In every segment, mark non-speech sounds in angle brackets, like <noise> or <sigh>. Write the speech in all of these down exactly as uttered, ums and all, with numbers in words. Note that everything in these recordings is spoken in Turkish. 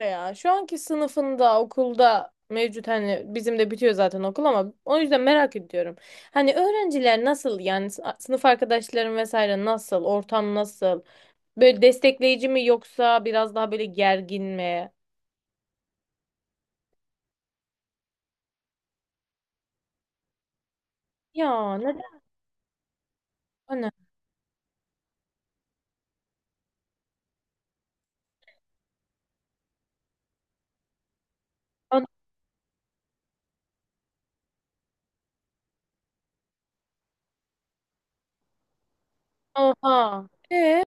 Ya. Şu anki sınıfında, okulda mevcut hani bizim de bitiyor zaten okul ama o yüzden merak ediyorum. Hani öğrenciler nasıl yani s- sınıf arkadaşlarım vesaire nasıl, ortam nasıl? Böyle destekleyici mi yoksa biraz daha böyle gergin mi? Ya neden? Ana. Ana- Oha. Ee,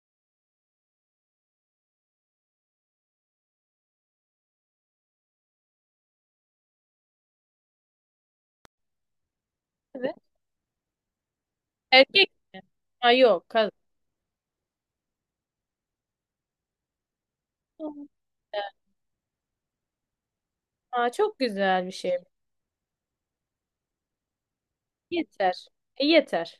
evet. Erkek mi? Ha yok, kız. Aa, çok güzel bir şey. Yeter. E, yeter.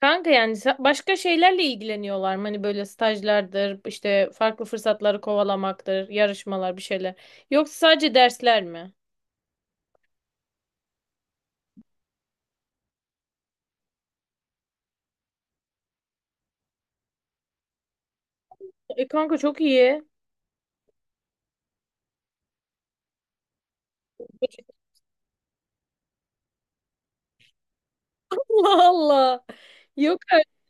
Kanka yani sa- başka şeylerle ilgileniyorlar mı? Hani böyle stajlardır, işte farklı fırsatları kovalamaktır, yarışmalar bir şeyler. Yoksa sadece dersler mi? E kanka çok iyi. <laughs> Allah Allah. Yok artık.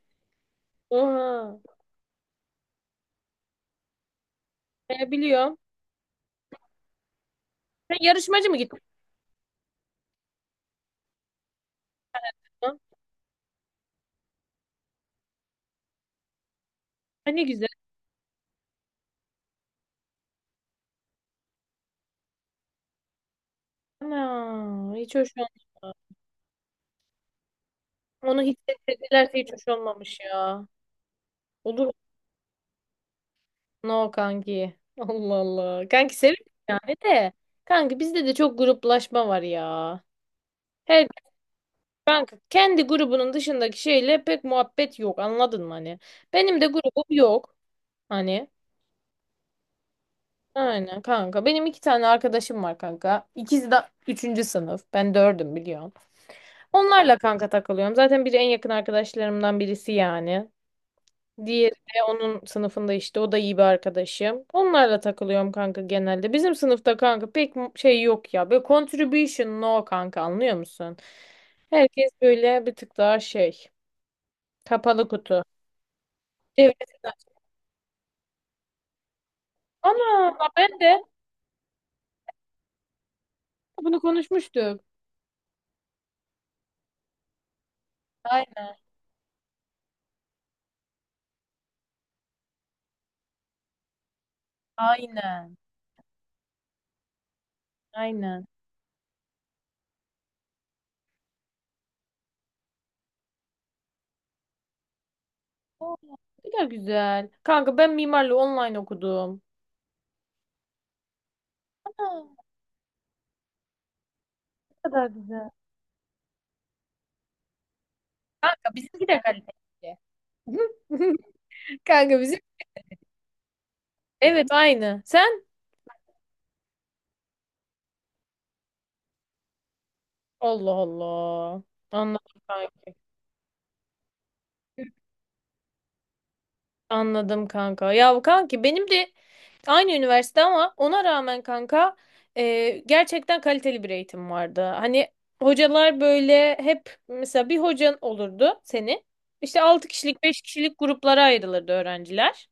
Oha. E, biliyorum. Sen yarışmacı mı gittin? Ha, ne güzel. Ana, hiç hoş olmamış. Onu hissettirdilerse hiç hoş olmamış ya. Olur. mu? No kanki. Allah Allah. Kanki seviyorum yani de. Kanki bizde de çok gruplaşma var ya. Her Kanka kendi grubunun dışındaki şeyle pek muhabbet yok, anladın mı hani? Benim de grubum yok hani. Aynen kanka. Benim iki tane arkadaşım var kanka. İkisi de üçüncü sınıf. Ben dördüm biliyorum. Onlarla kanka takılıyorum. Zaten biri en yakın arkadaşlarımdan birisi yani. Diğeri de onun sınıfında, işte o da iyi bir arkadaşım. Onlarla takılıyorum kanka genelde. Bizim sınıfta kanka pek mu- şey yok ya. Böyle contribution no kanka anlıyor musun? Herkes böyle bir tık daha şey. Kapalı kutu. Evet. Ana bak, ben de bunu konuşmuştuk. Aynen. Aynen. Aynen. Oo, ne kadar güzel. Kanka ben mimarlığı online okudum. Ana, ne kadar güzel. Kanka bizimki de kaliteli. <laughs> Kanka bizim. Evet, aynı. Sen? Allah Allah. Anladım kanka. Anladım kanka. Ya bu kanki benim de aynı üniversite ama ona rağmen kanka, e, gerçekten kaliteli bir eğitim vardı. Hani hocalar böyle hep mesela bir hocan olurdu seni. İşte altı kişilik beş kişilik gruplara ayrılırdı öğrenciler.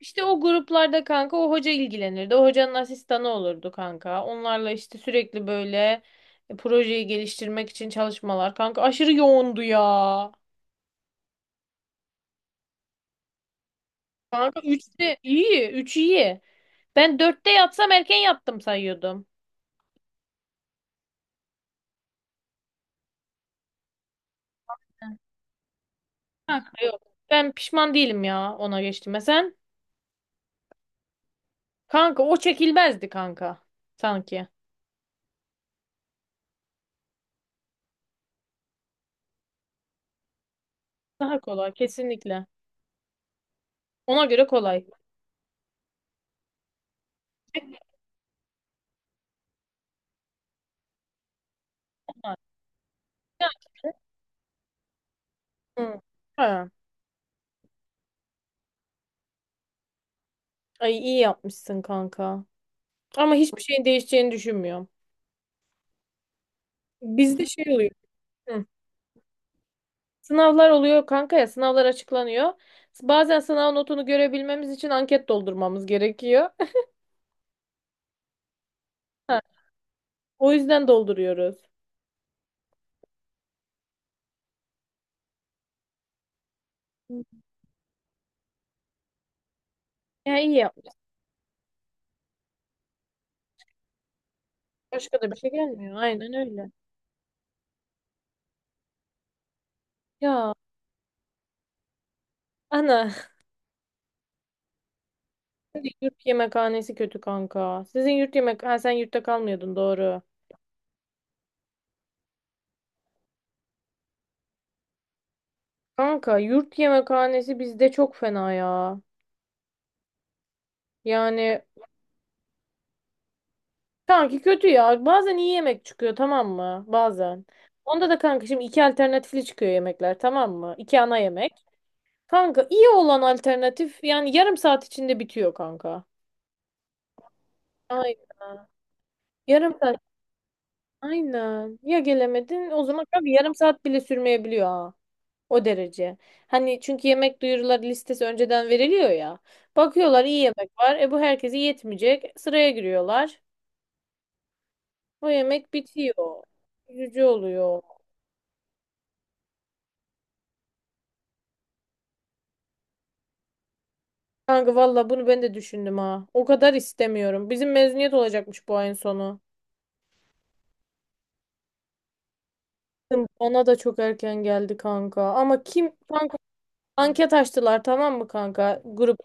İşte o gruplarda kanka o hoca ilgilenirdi. O hocanın asistanı olurdu kanka. Onlarla işte sürekli böyle e, projeyi geliştirmek için çalışmalar. Kanka aşırı yoğundu ya. Kanka üç de iyi. Üç iyi. Ben dörtte yatsam erken yattım sayıyordum. Ha, yok. Ben pişman değilim ya ona geçtiğime. Sen? Kanka o çekilmezdi kanka. Sanki. Daha kolay kesinlikle. Ona göre kolay. Ha. Hı. Ha. Ay iyi yapmışsın kanka. Ama hiçbir şeyin değişeceğini düşünmüyorum. Bizde şey oluyor. Hı. Sınavlar oluyor kanka, ya sınavlar açıklanıyor. Bazen sınav notunu görebilmemiz için anket doldurmamız gerekiyor. <laughs> Ha. O yüzden dolduruyoruz. Ya iyi yapmışsın. Başka da bir şey gelmiyor. Aynen öyle. Ya ana. Sizin yurt yemekhanesi kötü kanka. Sizin yurt yemek... Ha sen yurtta kalmıyordun, doğru. Kanka yurt yemekhanesi bizde çok fena ya. Yani kanki kötü ya. Bazen iyi yemek çıkıyor, tamam mı? Bazen. Onda da kanka şimdi iki alternatifli çıkıyor yemekler, tamam mı? İki ana yemek. Kanka iyi olan alternatif yani yarım saat içinde bitiyor kanka. Aynen. Yarım saat. Aynen. Ya gelemedin o zaman kanka, yarım saat bile sürmeyebiliyor ha. O derece. Hani çünkü yemek duyuruları listesi önceden veriliyor ya. Bakıyorlar iyi yemek var. E bu herkese yetmeyecek. Sıraya giriyorlar. O yemek bitiyor. Üzücü oluyor. Kanka valla bunu ben de düşündüm ha. O kadar istemiyorum. Bizim mezuniyet olacakmış bu ayın sonu. Bana da çok erken geldi kanka. Ama kim kanka anket açtılar tamam mı kanka? Grup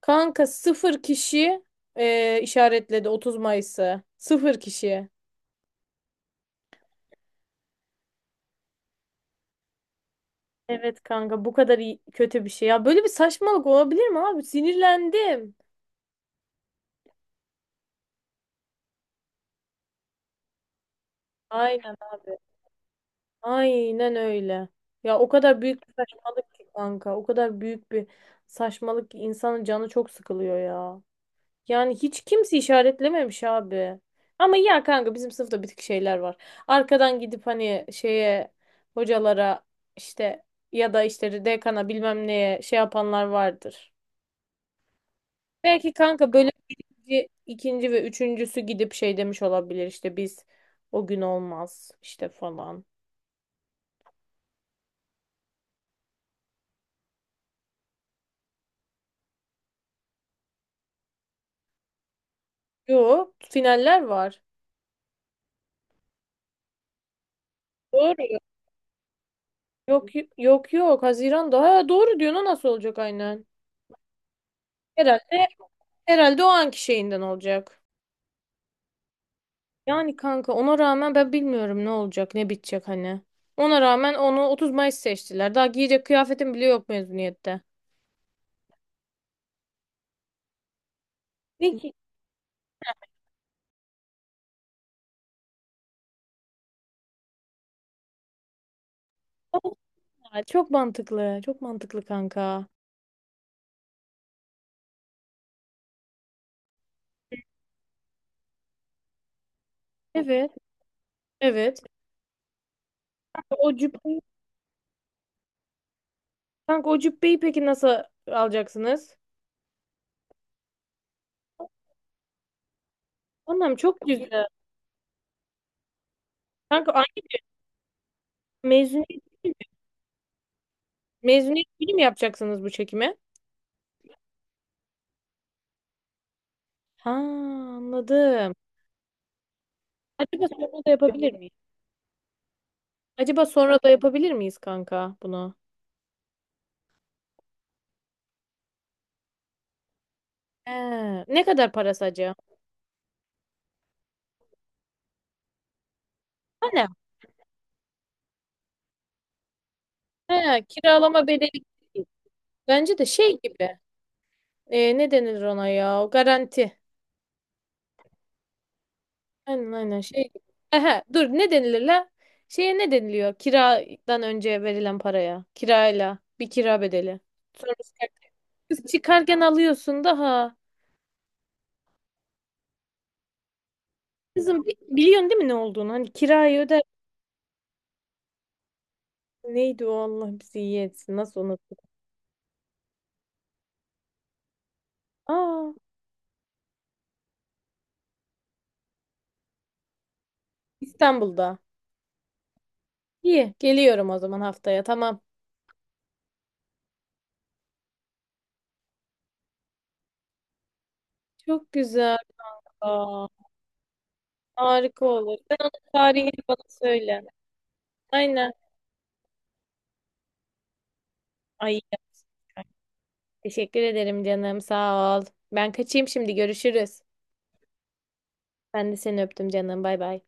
Kanka sıfır kişi e, işaretledi Otuz Mayıs'ı. Sıfır kişi. Evet kanka bu kadar iyi- kötü bir şey. Ya böyle bir saçmalık olabilir mi abi? Sinirlendim. Aynen abi. Aynen öyle. Ya o kadar büyük bir saçmalık ki kanka. O kadar büyük bir saçmalık ki insanın canı çok sıkılıyor ya. Yani hiç kimse işaretlememiş abi. Ama ya kanka bizim sınıfta bir tık şeyler var. Arkadan gidip hani şeye hocalara işte ya da işte dekana bilmem neye şey yapanlar vardır. Belki kanka böyle birinci, ikinci ve üçüncüsü gidip şey demiş olabilir işte biz o gün olmaz işte falan. Yok, finaller var. Doğru. Yok yok yok Haziran'da. Ha, doğru diyorsun, o nasıl olacak aynen. Herhalde herhalde o anki şeyinden olacak. Yani kanka ona rağmen ben bilmiyorum ne olacak, ne bitecek hani. Ona rağmen onu otuz Mayıs seçtiler. Daha giyecek kıyafetim bile yok mezuniyette. Ne ki? Ya? Çok mantıklı. Çok mantıklı kanka. Evet. Evet. O cübbeyi, kanka o cübbeyi peki nasıl alacaksınız? Annem çok güzel. Kanka aynı mezuniyet, mezuniyet günü mü yapacaksınız bu çekimi? Ha, anladım. Acaba sonra da yapabilir miyiz? Acaba sonra da yapabilir miyiz kanka bunu? He, ne kadar parası acaba? Ha, ne? He, kiralama bedeli gibi. Bence de şey gibi. E, ne denilir ona ya? O garanti. Aynen aynen şey gibi. Ehe, dur ne denilir la? Şeye ne deniliyor? Kiradan önce verilen paraya. Kirayla. Bir kira bedeli. Sonra çıkarken Kız çıkarken alıyorsun daha. Kızım bi- biliyorsun değil mi ne olduğunu? Hani kirayı öder. Neydi o, Allah bizi iyi etsin. Nasıl unuttum? Aa, İstanbul'da. İyi. Geliyorum o zaman haftaya. Tamam. Çok güzel. Aa. Harika olur. Sen onun tarihini bana söyle. Aynen. Ay, teşekkür ederim canım. Sağ ol. Ben kaçayım şimdi. Görüşürüz. Ben de seni öptüm canım. Bay bay.